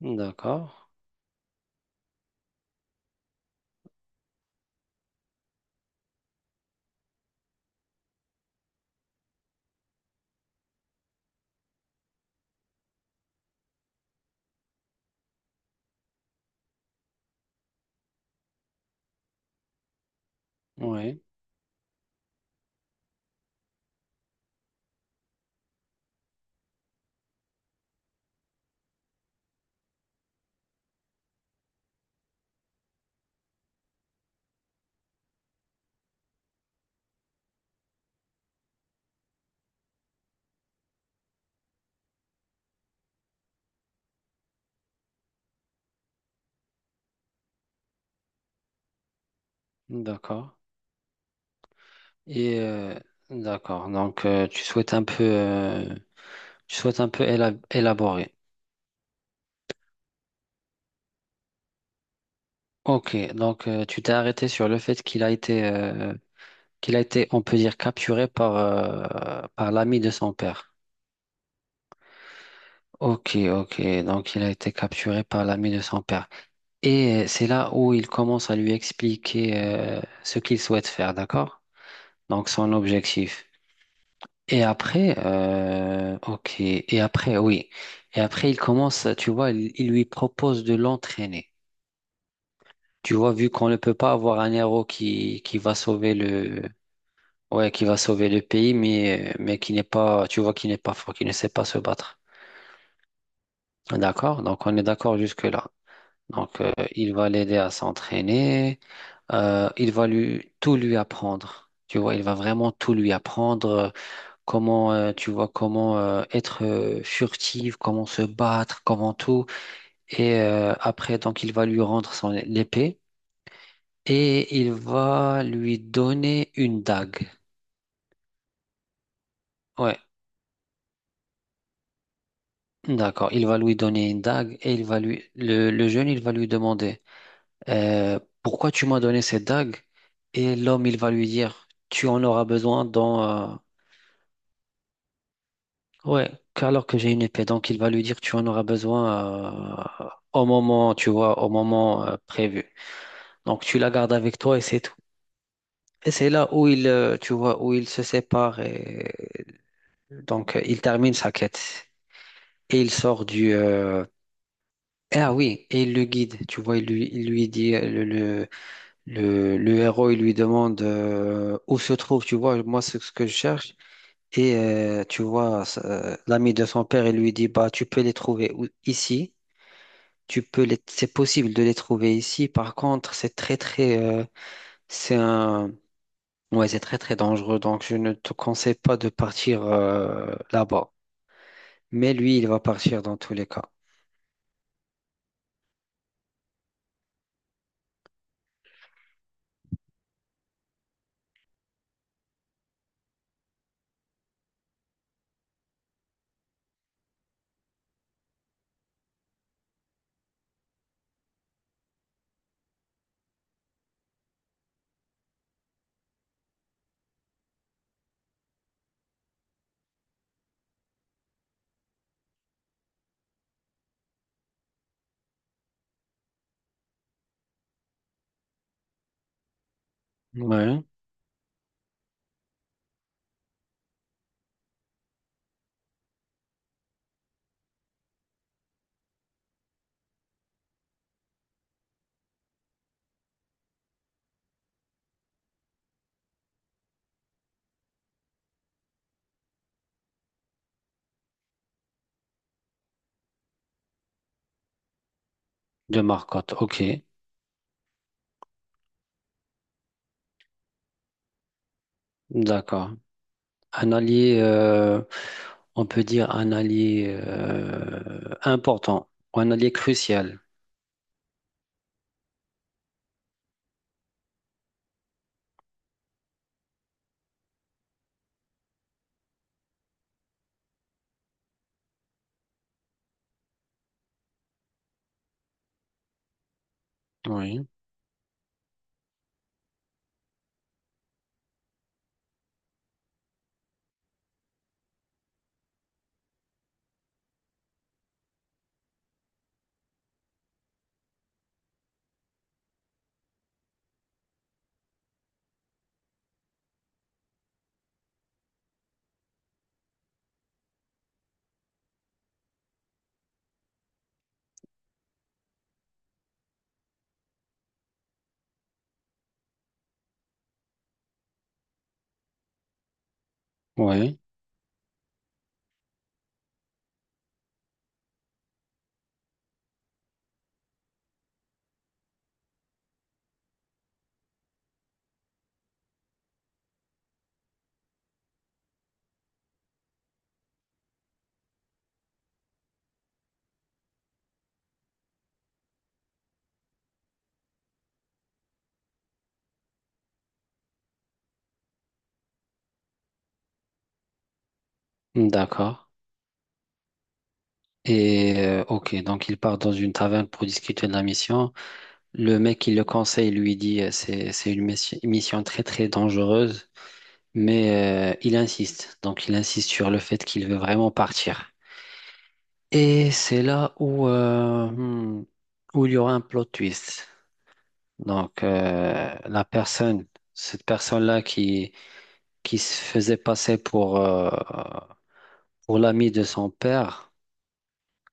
D'accord, oui, d'accord. Et euh, d'accord, donc tu souhaites un peu, tu souhaites un peu élaborer. Ok, donc tu t'es arrêté sur le fait qu'il a été, on peut dire, capturé par, par l'ami de son père. Ok, ok, donc il a été capturé par l'ami de son père. Et c'est là où il commence à lui expliquer ce qu'il souhaite faire, d'accord? Donc son objectif. Et après, ok. Et après, oui. Et après, il commence, tu vois, il lui propose de l'entraîner. Tu vois, vu qu'on ne peut pas avoir un héros qui va sauver le, ouais, qui va sauver le pays, mais qui n'est pas, tu vois, qui n'est pas fort, qui ne sait pas se battre. D'accord? Donc, on est d'accord jusque-là. Donc, il va l'aider à s'entraîner. Il va lui, tout lui apprendre. Tu vois, il va vraiment tout lui apprendre comment tu vois comment être furtive, comment se battre, comment tout. Et après, donc, il va lui rendre son épée et il va lui donner une dague. Ouais, d'accord. Il va lui donner une dague et il va lui le jeune, il va lui demander pourquoi tu m'as donné cette dague? Et l'homme, il va lui dire tu en auras besoin dans ouais. Alors que j'ai une épée, donc il va lui dire tu en auras besoin au moment, tu vois, au moment prévu. Donc tu la gardes avec toi et c'est tout. Et c'est là où il, tu vois, où il se sépare et donc il termine sa quête et il sort du. Ah oui, et il le guide. Tu vois, il lui dit le héros, il lui demande où se trouve. Tu vois, moi c'est ce que je cherche. Et tu vois, ça, l'ami de son père, il lui dit bah tu peux les ici. Tu peux les, c'est possible de les trouver ici. Par contre, c'est très très, c'est un ouais, c'est très très dangereux, donc je ne te conseille pas de partir là-bas. Mais lui, il va partir dans tous les cas. Ouais, de Marcotte, ok, d'accord. Un allié, on peut dire un allié important ou un allié crucial. Oui, oui, d'accord. Et ok, donc il part dans une taverne pour discuter de la mission. Le mec qui le conseille lui dit c'est une mission très très dangereuse, mais il insiste. Donc il insiste sur le fait qu'il veut vraiment partir. Et c'est là où où il y aura un plot twist. Donc la personne, cette personne-là qui se faisait passer pour l'ami de son père.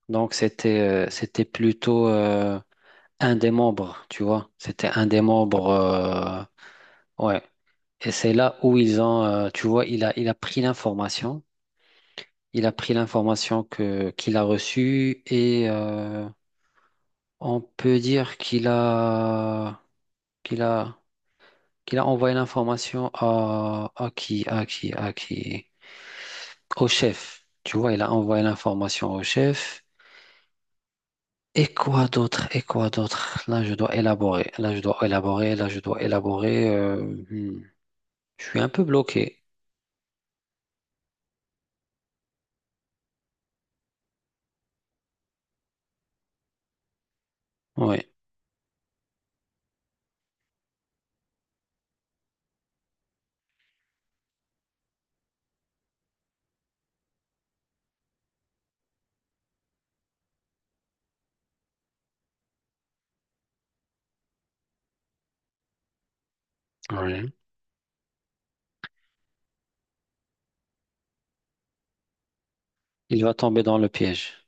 Donc c'était c'était plutôt un des membres, tu vois. C'était un des membres. Ouais. Et c'est là où ils ont, tu vois, il a pris l'information. Il a pris l'information que qu'il a reçue et on peut dire qu'il a, qu'il a envoyé l'information à au chef. Tu vois, il a envoyé l'information au chef. Et quoi d'autre? Et quoi d'autre? Là, je dois élaborer. Là, je dois élaborer. Là, je dois élaborer. Hmm. Je suis un peu bloqué. Oui. Ouais. Il va tomber dans le piège.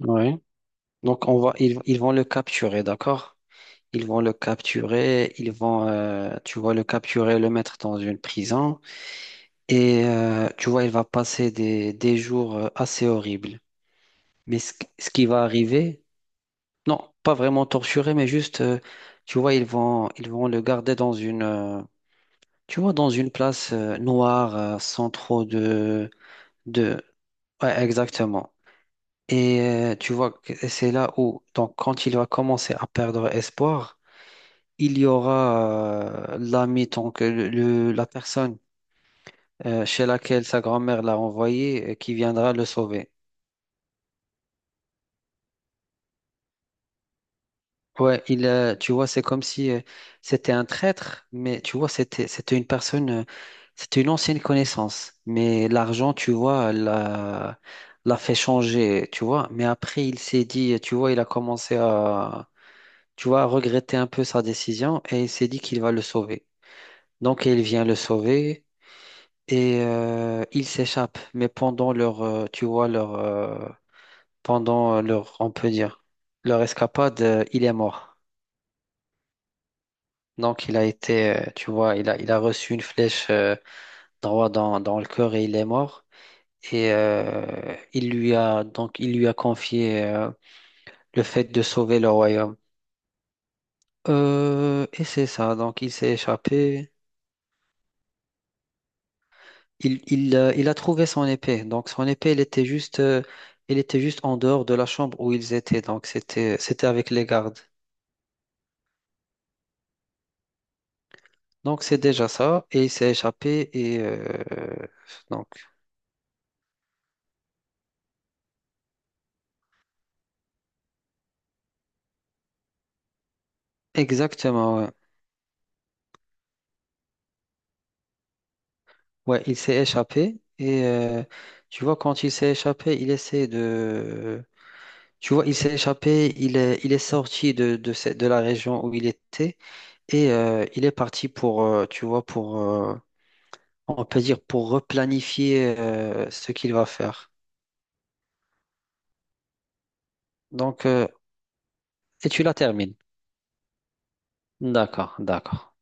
Oui. Donc on va, ils vont le capturer, d'accord? Ils vont le capturer, ils vont, tu vois, le capturer, le mettre dans une prison. Et tu vois, il va passer des jours assez horribles. Mais ce, ce qui va arriver, non, pas vraiment torturé, mais juste, tu vois, ils vont le garder dans une, tu vois, dans une place noire, sans trop de, ouais, exactement. Et tu vois que c'est là où, donc, quand il va commencer à perdre espoir, il y aura l'ami, donc la personne chez laquelle sa grand-mère l'a envoyé, qui viendra le sauver. Ouais, tu vois, c'est comme si c'était un traître, mais tu vois, c'était une personne, c'était une ancienne connaissance. Mais l'argent, tu vois, l'a fait changer, tu vois. Mais après, il s'est dit, tu vois, il a commencé à tu vois, regretter un peu sa décision et il s'est dit qu'il va le sauver. Donc il vient le sauver et il s'échappe. Mais pendant leur, tu vois, leur, pendant leur, on peut dire, leur escapade, il est mort. Donc il a été, tu vois, il a reçu une flèche droit dans, dans le cœur et il est mort. Et il lui a donc il lui a confié le fait de sauver le royaume. Et c'est ça. Donc il s'est échappé. Il a trouvé son épée. Donc son épée, elle était juste en dehors de la chambre où ils étaient. Donc c'était, c'était avec les gardes. Donc c'est déjà ça. Et il s'est échappé. Et donc exactement. Ouais, ouais, il s'est échappé. Et tu vois, quand il s'est échappé, il essaie de. Tu vois, il s'est échappé. Il est sorti de, de la région où il était. Et il est parti pour, tu vois, pour, on peut dire pour replanifier ce qu'il va faire. Donc, et tu la termines. D'accord, d'accord.